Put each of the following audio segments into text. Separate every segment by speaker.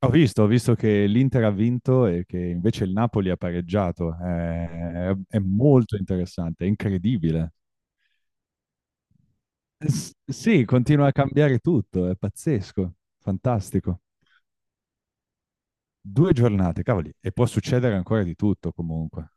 Speaker 1: Ho visto che l'Inter ha vinto e che invece il Napoli ha pareggiato. È molto interessante, è incredibile. Sì, continua a cambiare tutto, è pazzesco, fantastico. Due giornate, cavoli, e può succedere ancora di tutto comunque.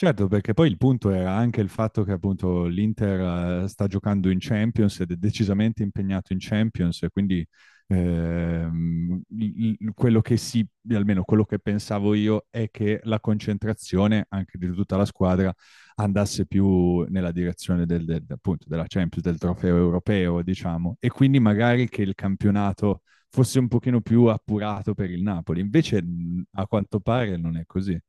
Speaker 1: Certo, perché poi il punto era anche il fatto che appunto l'Inter sta giocando in Champions ed è decisamente impegnato in Champions e quindi quello che si, almeno quello che pensavo io, è che la concentrazione anche di tutta la squadra andasse più nella direzione appunto della Champions, del trofeo europeo, diciamo, e quindi magari che il campionato fosse un pochino più appurato per il Napoli. Invece a quanto pare non è così.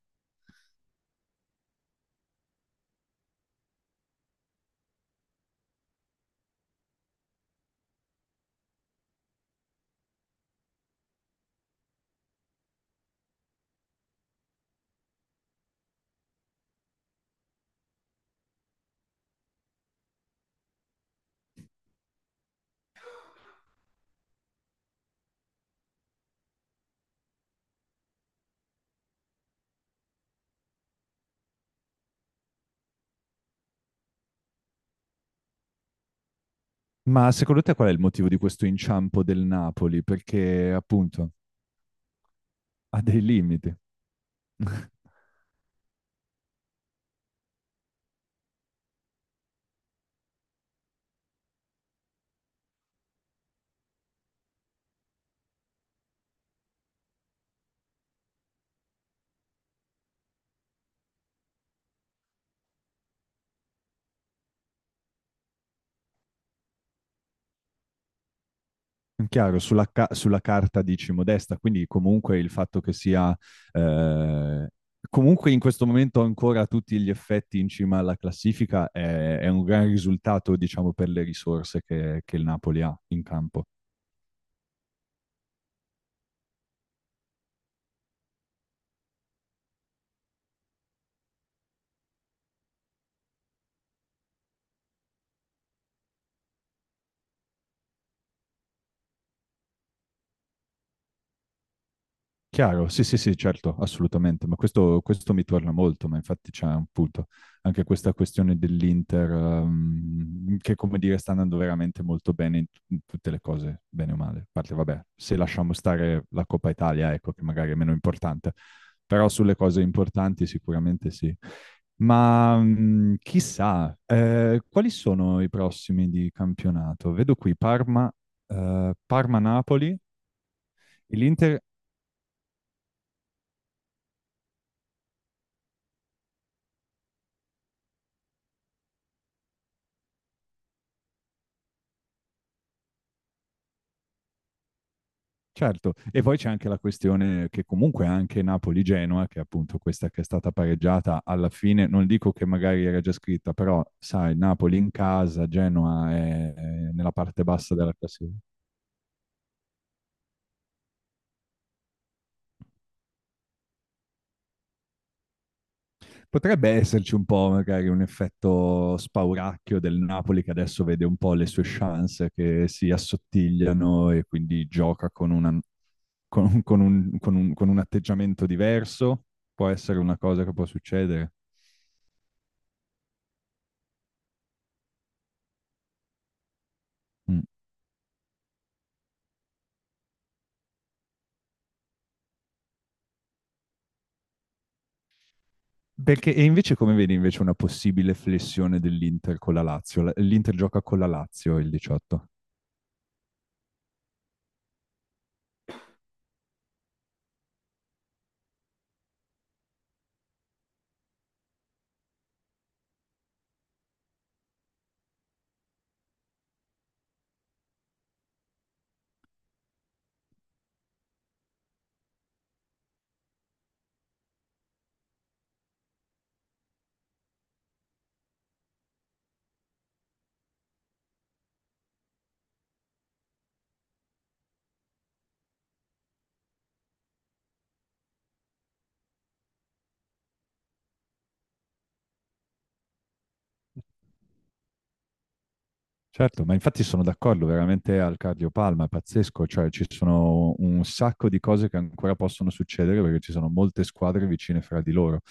Speaker 1: Ma secondo te qual è il motivo di questo inciampo del Napoli? Perché appunto ha dei limiti. Chiaro, sulla carta dici modesta, quindi comunque il fatto che sia eh, comunque in questo momento ancora a tutti gli effetti in cima alla classifica è un gran risultato, diciamo, per le risorse che il Napoli ha in campo. Chiaro, sì, sì, sì, certo, assolutamente, ma questo mi torna molto, ma infatti c'è un punto, anche questa questione dell'Inter, che come dire sta andando veramente molto bene in tutte le cose, bene o male, a parte vabbè, se lasciamo stare la Coppa Italia, ecco, che magari è meno importante, però sulle cose importanti sicuramente sì. Ma chissà, quali sono i prossimi di campionato? Vedo qui Parma, Parma-Napoli, e l'Inter. Certo, e poi c'è anche la questione che comunque anche Napoli-Genoa, che è appunto questa che è stata pareggiata alla fine, non dico che magari era già scritta, però sai, Napoli in casa, è nella parte bassa della classifica. Potrebbe esserci un po' magari un effetto spauracchio del Napoli che adesso vede un po' le sue chance che si assottigliano e quindi gioca con, una, con, un, con un, con un atteggiamento diverso, può essere una cosa che può succedere. Mm. Perché, e invece come vedi invece una possibile flessione dell'Inter con la Lazio? L'Inter gioca con la Lazio il 18. Certo, ma infatti sono d'accordo, veramente al cardio palma, è pazzesco, cioè ci sono un sacco di cose che ancora possono succedere perché ci sono molte squadre vicine fra di loro.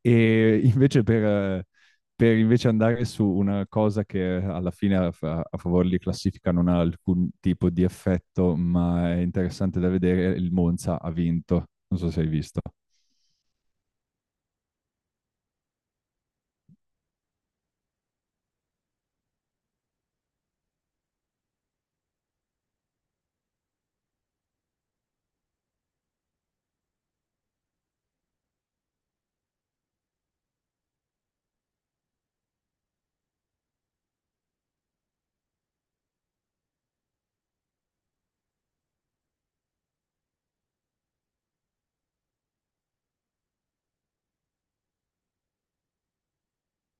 Speaker 1: E invece eh, per invece andare su una cosa che alla fine a favore di classifica non ha alcun tipo di effetto, ma è interessante da vedere, il Monza ha vinto, non so se hai visto.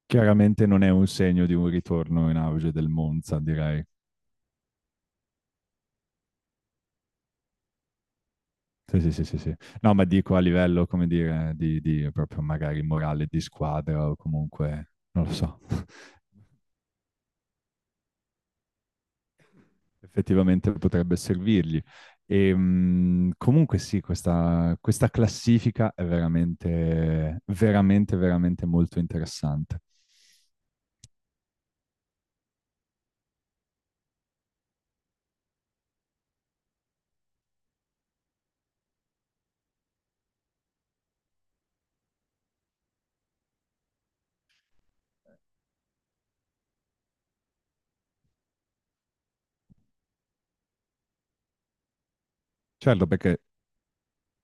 Speaker 1: Chiaramente non è un segno di un ritorno in auge del Monza, direi. Sì, sì, sì, sì, sì. No, ma dico a livello, come dire, di proprio magari morale di squadra o comunque, non lo so, effettivamente potrebbe servirgli. E, comunque sì, questa classifica è veramente, veramente, veramente molto interessante. Certo, perché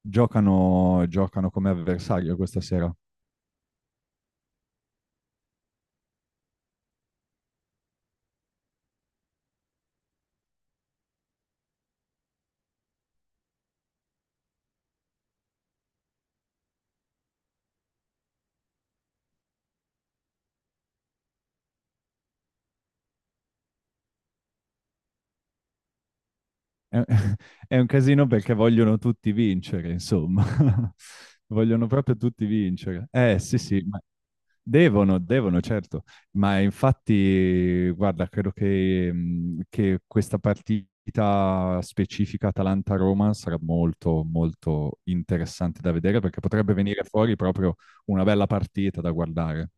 Speaker 1: giocano come avversario questa sera. È, è un casino perché vogliono tutti vincere, insomma. Vogliono proprio tutti vincere. Sì, sì, ma devono, certo. Ma infatti, guarda, credo che questa partita specifica Atalanta-Roma sarà molto, molto interessante da vedere perché potrebbe venire fuori proprio una bella partita da guardare.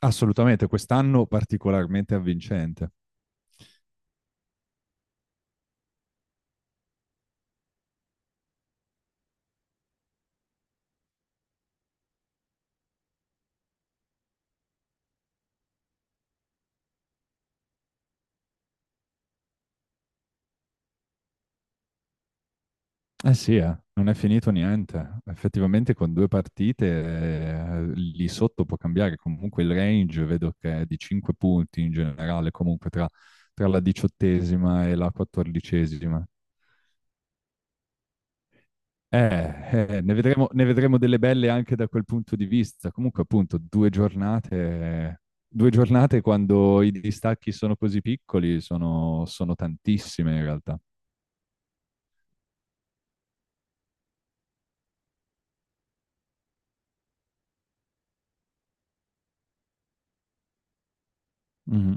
Speaker 1: Assolutamente, quest'anno particolarmente avvincente. Eh sì, non è finito niente. Effettivamente con due partite lì sotto può cambiare. Comunque il range vedo che è di 5 punti in generale, comunque tra, tra la 18ª e la 14ª. Eh, Ne vedremo, ne vedremo delle belle anche da quel punto di vista. Comunque appunto due giornate quando i distacchi sono così piccoli sono, sono tantissime in realtà. Mhm.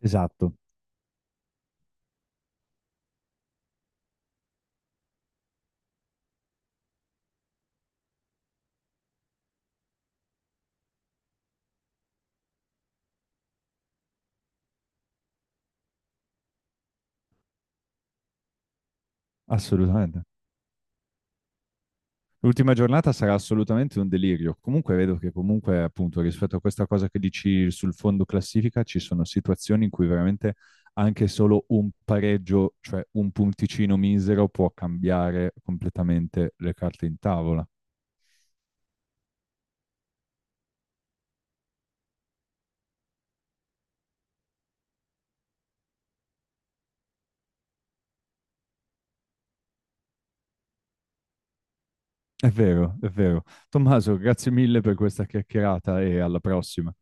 Speaker 1: Esatto. Assolutamente. L'ultima giornata sarà assolutamente un delirio. Comunque vedo che comunque, appunto, rispetto a questa cosa che dici sul fondo classifica, ci sono situazioni in cui veramente anche solo un pareggio, cioè un punticino misero, può cambiare completamente le carte in tavola. È vero, è vero. Tommaso, grazie mille per questa chiacchierata e alla prossima.